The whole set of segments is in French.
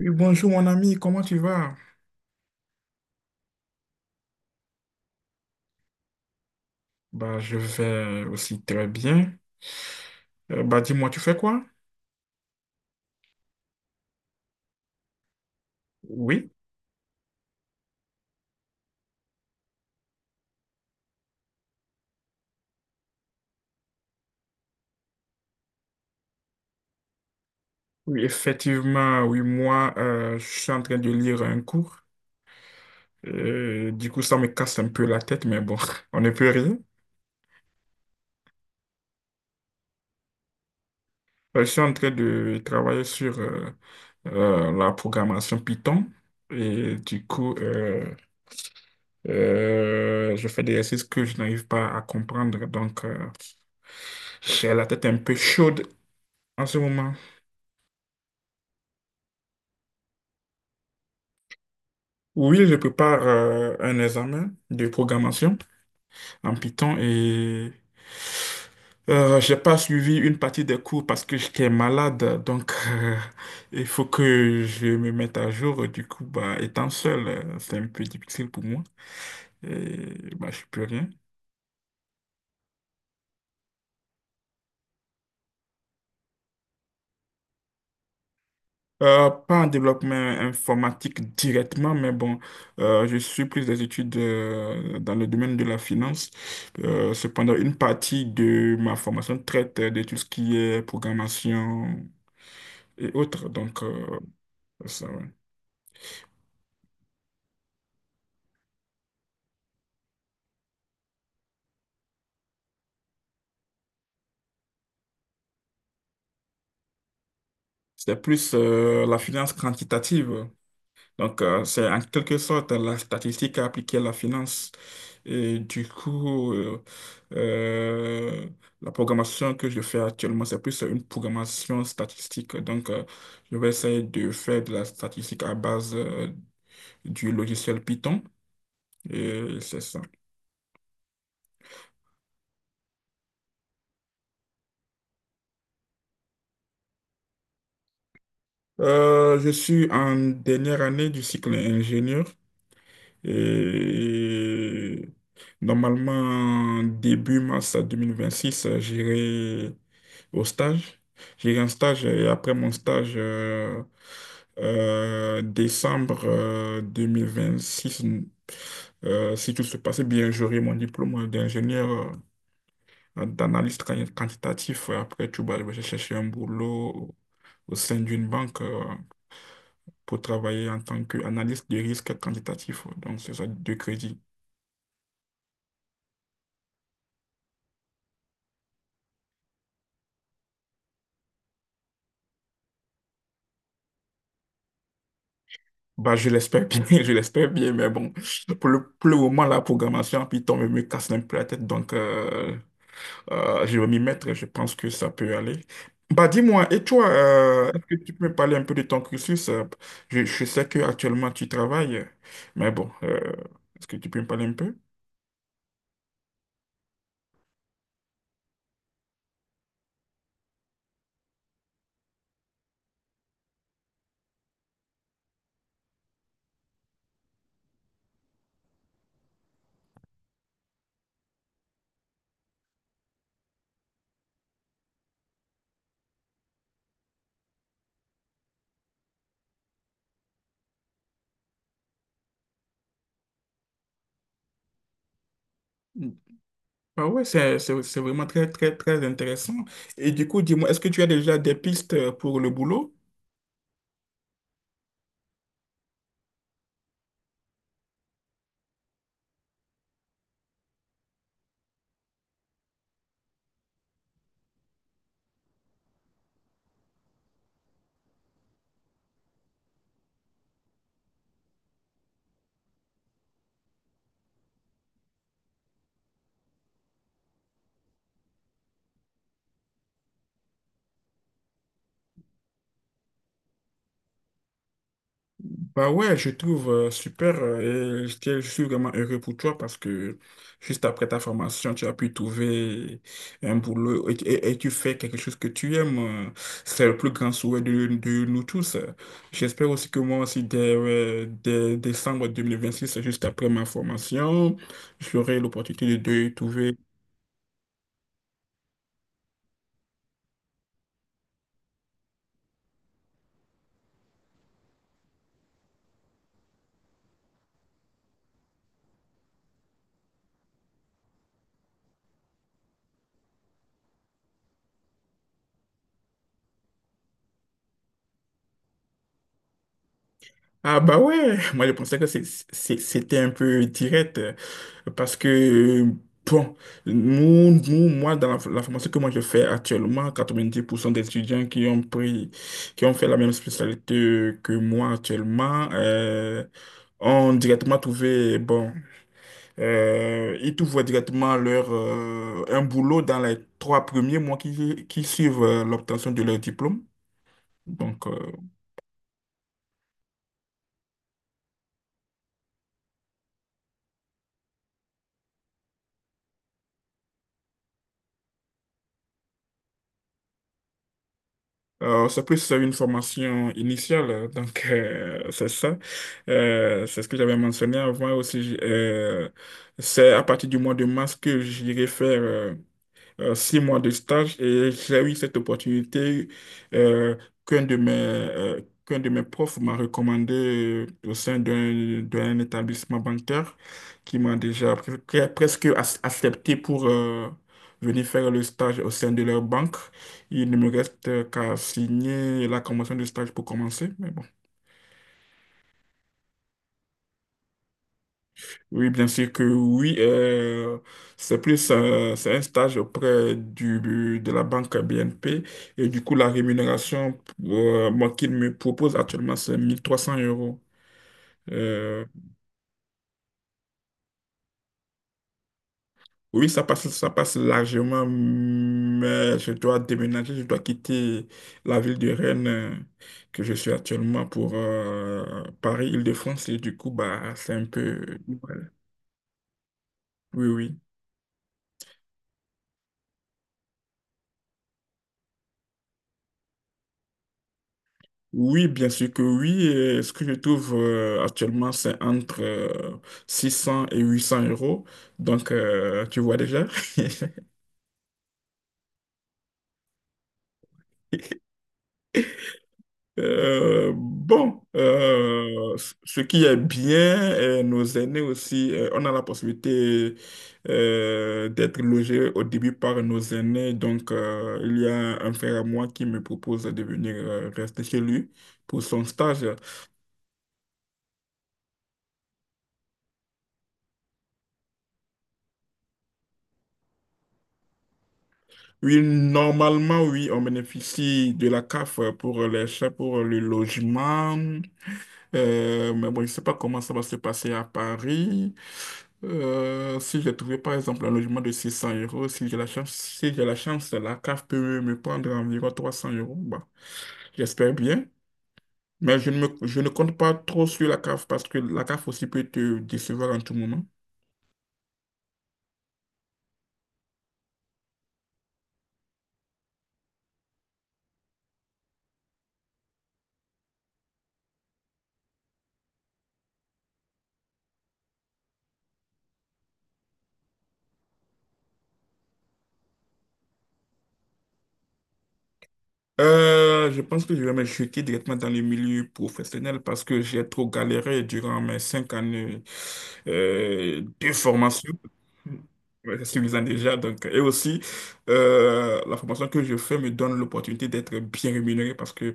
Oui, bonjour mon ami, comment tu vas? Bah, je vais aussi très bien. Bah, dis-moi, tu fais quoi? Oui, oui, effectivement, oui, moi, je suis en train de lire un cours. Du coup, ça me casse un peu la tête, mais bon, on ne peut rien. Je suis en train de travailler sur la programmation Python. Et du coup, je fais des exercices que je n'arrive pas à comprendre. Donc, j'ai la tête un peu chaude en ce moment. Oui, je prépare un examen de programmation en Python et j'ai pas suivi une partie des cours parce que j'étais malade, donc il faut que je me mette à jour. Du coup, bah, étant seul, c'est un peu difficile pour moi et bah, je peux rien. Pas en développement informatique directement, mais bon, je suis plus des études dans le domaine de la finance. Cependant, une partie de ma formation traite de tout ce qui est programmation et autres. Donc, ça, ouais. C'est plus la finance quantitative. Donc, c'est en quelque sorte la statistique appliquée à la finance. Et du coup, euh, la programmation que je fais actuellement, c'est plus une programmation statistique. Donc, je vais essayer de faire de la statistique à base du logiciel Python. Et c'est ça. Je suis en dernière année du cycle ingénieur et normalement début mars 2026 j'irai au stage. J'ai eu un stage et après mon stage, décembre 2026, si tout se passait bien, j'aurai mon diplôme d'ingénieur d'analyste quantitatif. Après, tu vas je vais chercher un boulot au sein d'une banque pour travailler en tant qu'analyste de risque quantitatif. Donc, c'est ça, de crédit. Bah, je l'espère bien, je l'espère bien, mais bon, pour le moment, la programmation en Python me casse un peu la tête, donc je vais m'y mettre, je pense que ça peut aller. Bah, dis-moi, et toi, est-ce que tu peux me parler un peu de ton cursus? Je sais que actuellement tu travailles, mais bon, est-ce que tu peux me parler un peu? Bah ouais, c'est vraiment très, très, très intéressant. Et du coup, dis-moi, est-ce que tu as déjà des pistes pour le boulot? Bah ouais, je trouve super et je suis vraiment heureux pour toi parce que juste après ta formation, tu as pu trouver un boulot et tu fais quelque chose que tu aimes. euh, C'est le plus grand souhait de nous tous. J'espère aussi que moi aussi, dès décembre 2026 juste après ma formation, j'aurai l'opportunité de trouver. Ah bah ouais, moi je pensais que c'était un peu direct parce que, bon, moi, dans la formation que moi je fais actuellement, 90% des étudiants qui ont pris, qui ont fait la même spécialité que moi actuellement, ont directement trouvé, bon, ils trouvent directement un boulot dans les trois premiers mois qui suivent l'obtention de leur diplôme. Donc, c'est plus une formation initiale, donc c'est ça. C'est ce que j'avais mentionné avant aussi. C'est à partir du mois de mars que j'irai faire 6 mois de stage et j'ai eu cette opportunité euh, qu'un de mes profs m'a recommandé au sein d'un établissement bancaire qui m'a déjà presque accepté pour venir faire le stage au sein de leur banque. Il ne me reste qu'à signer la convention de stage pour commencer, mais bon. Oui, bien sûr que oui. C'est un stage auprès de la banque BNP. Et du coup, la rémunération moi, qu'il me propose actuellement, c'est 1300 euros. Euh, oui, ça passe largement, mais je dois déménager, je dois quitter la ville de Rennes que je suis actuellement pour Paris, Île-de-France. Et du coup, bah, c'est un peu... Oui, oui. Oui, bien sûr que oui. Et ce que je trouve actuellement, c'est entre 600 et 800 euros. Donc, tu vois déjà. Bon, ce qui est bien, et nos aînés aussi, on a la possibilité d'être logés au début par nos aînés. Donc, il y a un frère à moi qui me propose de venir rester chez lui pour son stage. Oui, normalement, oui, on bénéficie de la CAF pour les chats, pour le logement. Mais bon, je ne sais pas comment ça va se passer à Paris. Si j'ai trouvé, par exemple, un logement de 600 euros, si j'ai la chance, si j'ai la chance, la CAF peut me prendre environ 300 euros. Bah, j'espère bien. Mais je ne compte pas trop sur la CAF parce que la CAF aussi peut te décevoir en tout moment. Je pense que je vais me jeter directement dans le milieu professionnel parce que j'ai trop galéré durant mes 5 années de formation. Ouais, c'est suffisant déjà. Donc, et aussi, la formation que je fais me donne l'opportunité d'être bien rémunéré parce que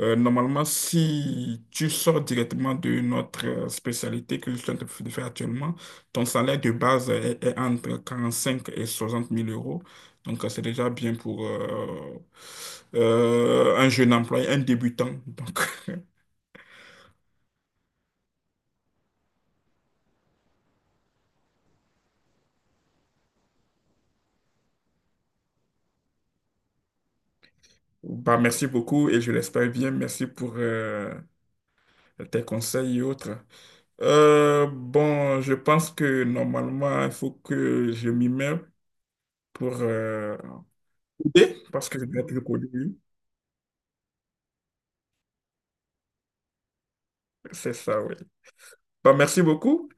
normalement, si tu sors directement de notre spécialité que je suis en train de faire actuellement, ton salaire de base est entre 45 et 60 000 euros. Donc, c'est déjà bien pour un jeune employé, un débutant. Donc. Bah, merci beaucoup et je l'espère bien. Merci pour tes conseils et autres. Bon, je pense que normalement, il faut que je m'y mets pour coder, parce que je dois être le coder. Oui. C'est ça, oui. Bah, merci beaucoup.